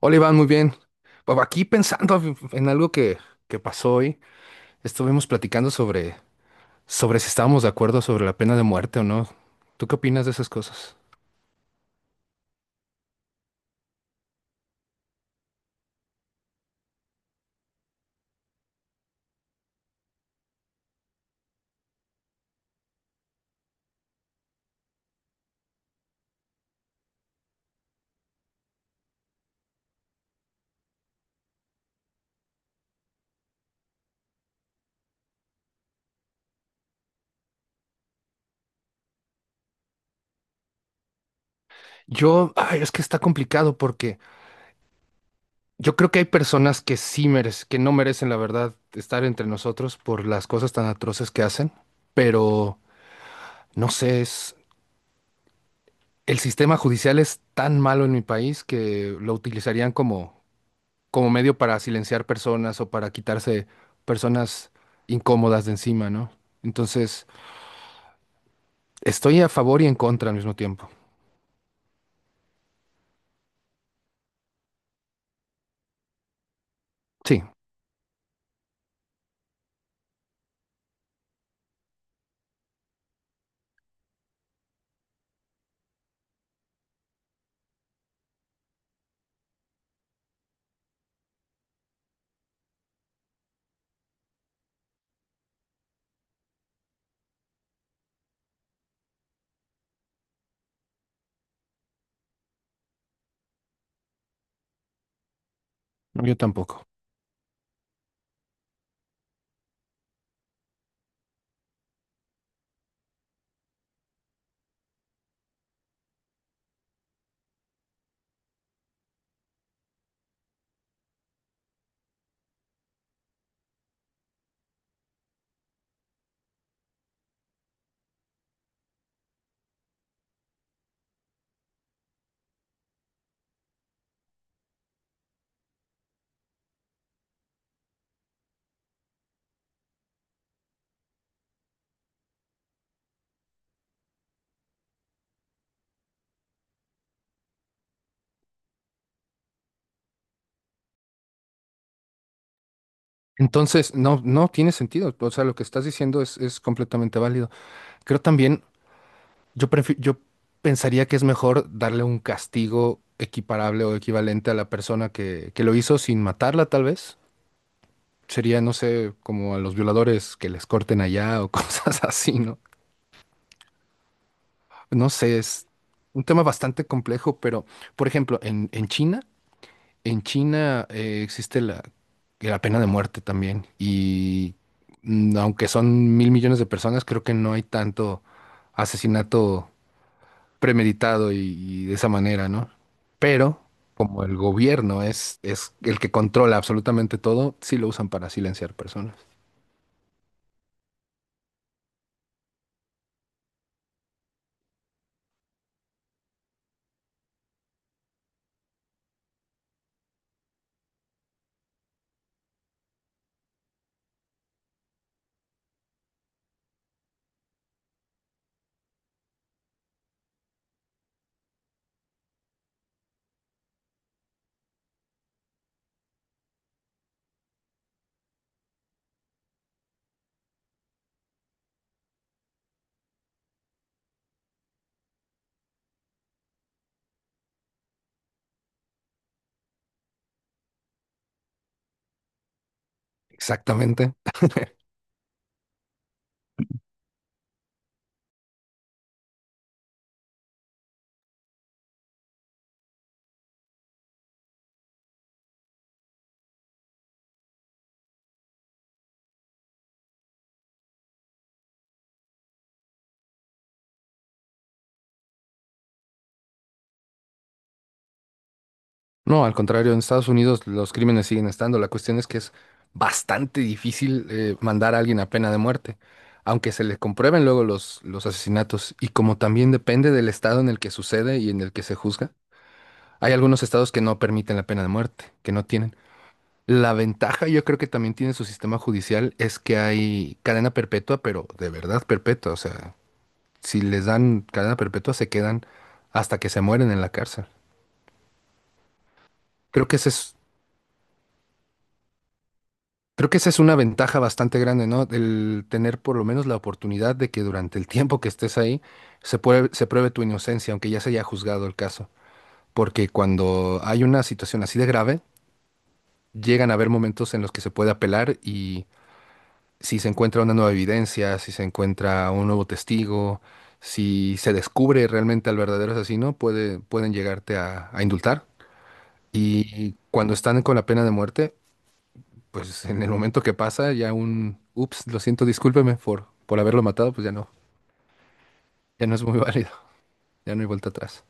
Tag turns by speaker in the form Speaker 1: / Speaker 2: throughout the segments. Speaker 1: Hola Iván, muy bien. Bueno, aquí pensando en algo que pasó hoy, estuvimos platicando sobre si estábamos de acuerdo sobre la pena de muerte o no. ¿Tú qué opinas de esas cosas? Ay, es que está complicado porque yo creo que hay personas que sí merecen, que no merecen la verdad estar entre nosotros por las cosas tan atroces que hacen, pero no sé, es, el sistema judicial es tan malo en mi país que lo utilizarían como medio para silenciar personas o para quitarse personas incómodas de encima, ¿no? Entonces, estoy a favor y en contra al mismo tiempo. Sí, yo tampoco. Entonces, no, no tiene sentido. O sea, lo que estás diciendo es completamente válido. Creo también, yo pensaría que es mejor darle un castigo equiparable o equivalente a la persona que lo hizo sin matarla, tal vez. Sería, no sé, como a los violadores que les corten allá o cosas así, ¿no? No sé, es un tema bastante complejo, pero por ejemplo, en China, existe la pena de muerte también y aunque son mil millones de personas, creo que no hay tanto asesinato premeditado y de esa manera, ¿no? Pero como el gobierno es el que controla absolutamente todo, sí lo usan para silenciar personas. Exactamente. No, al contrario, en Estados Unidos los crímenes siguen estando. La cuestión es que es bastante difícil mandar a alguien a pena de muerte, aunque se le comprueben luego los asesinatos. Y como también depende del estado en el que sucede y en el que se juzga, hay algunos estados que no permiten la pena de muerte, que no tienen. La ventaja yo creo que también tiene su sistema judicial es que hay cadena perpetua, pero de verdad perpetua. O sea, si les dan cadena perpetua se quedan hasta que se mueren en la cárcel. Creo que ese es Creo que esa es una ventaja bastante grande, ¿no? El tener por lo menos la oportunidad de que durante el tiempo que estés ahí se pruebe tu inocencia, aunque ya se haya juzgado el caso. Porque cuando hay una situación así de grave, llegan a haber momentos en los que se puede apelar y si se encuentra una nueva evidencia, si se encuentra un nuevo testigo, si se descubre realmente al verdadero asesino, pueden llegarte a indultar. Y cuando están con la pena de muerte, pues en el momento que pasa, ya un, ups, lo siento, discúlpeme por haberlo matado, pues ya no, ya no es muy válido, ya no hay vuelta atrás.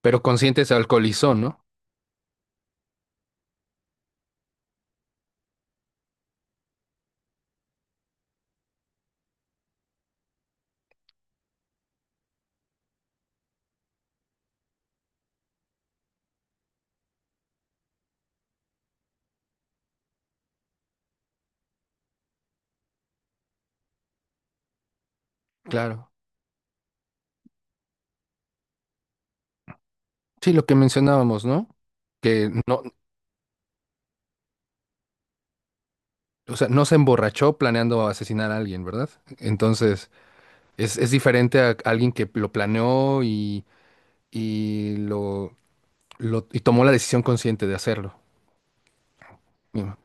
Speaker 1: Pero consciente se alcoholizó, ¿no? Claro. Sí, lo que mencionábamos, ¿no? Que no, o sea, no se emborrachó planeando asesinar a alguien, ¿verdad? Entonces, es diferente a alguien que lo planeó y lo- y tomó la decisión consciente de hacerlo. Y,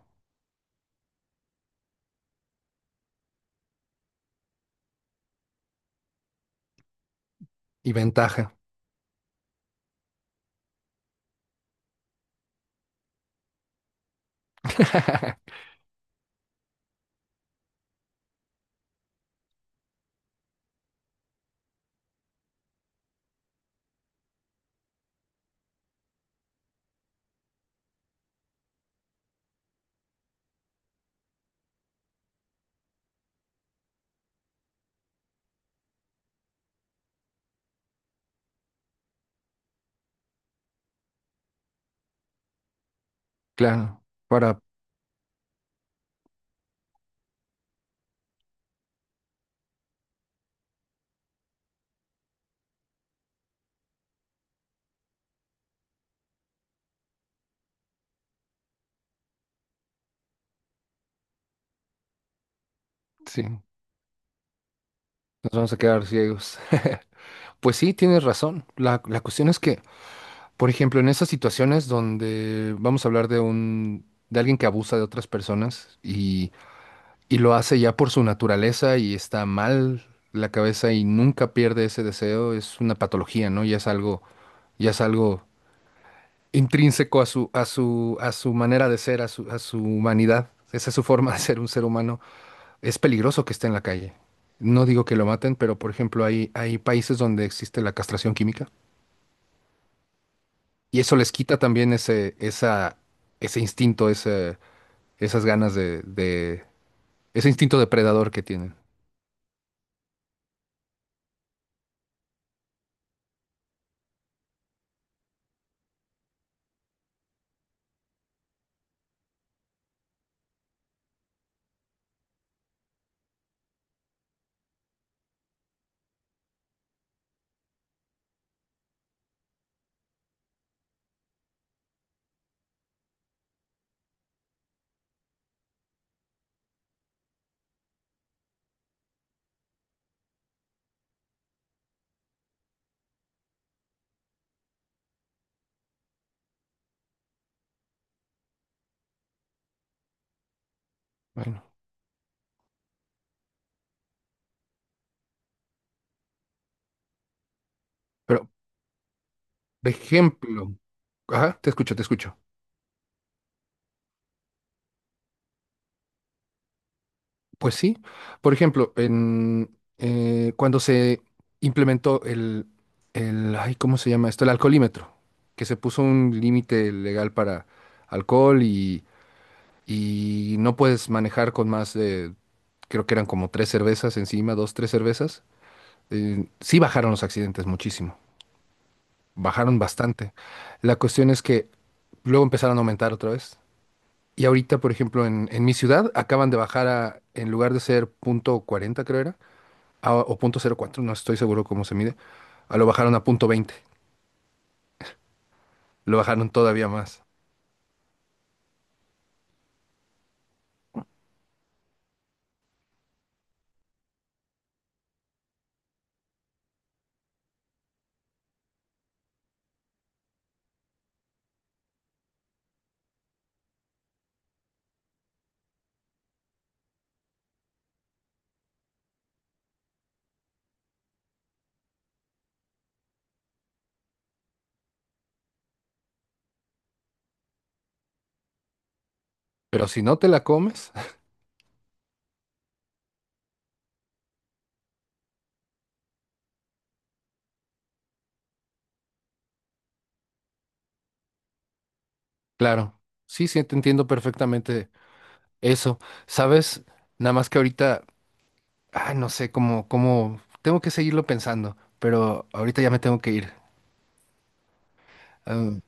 Speaker 1: y ventaja. Claro. Para, sí, nos vamos a quedar ciegos. Pues sí, tienes razón. La cuestión es que, por ejemplo, en esas situaciones donde vamos a hablar de un, de alguien que abusa de otras personas y lo hace ya por su naturaleza y está mal la cabeza y nunca pierde ese deseo, es una patología, ¿no? Ya es algo intrínseco a su, a su, a su manera de ser, a su humanidad. Esa es su forma de ser un ser humano. Es peligroso que esté en la calle. No digo que lo maten, pero por ejemplo, hay países donde existe la castración química. Y eso les quita también ese, esa, ese instinto, ese, esas ganas de, ese instinto depredador que tienen. Bueno, pero, por ejemplo, ajá, te escucho, te escucho. Pues sí, por ejemplo, cuando se implementó ay, ¿cómo se llama esto? El alcoholímetro, que se puso un límite legal para alcohol y no puedes manejar con más de, creo que eran como tres cervezas encima, dos, tres cervezas. Sí bajaron los accidentes muchísimo, bajaron bastante. La cuestión es que luego empezaron a aumentar otra vez. Y ahorita, por ejemplo, en mi ciudad acaban de bajar a, en lugar de ser 0.40 creo era, o 0.04, no estoy seguro cómo se mide, a lo bajaron a 0.20. Lo bajaron todavía más. Pero si no te la comes, claro, sí, sí, te entiendo perfectamente eso. ¿Sabes? Nada más que ahorita, ay, no sé cómo, cómo, tengo que seguirlo pensando, pero ahorita ya me tengo que ir. Ah,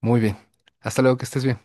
Speaker 1: muy bien. Hasta luego, que estés bien.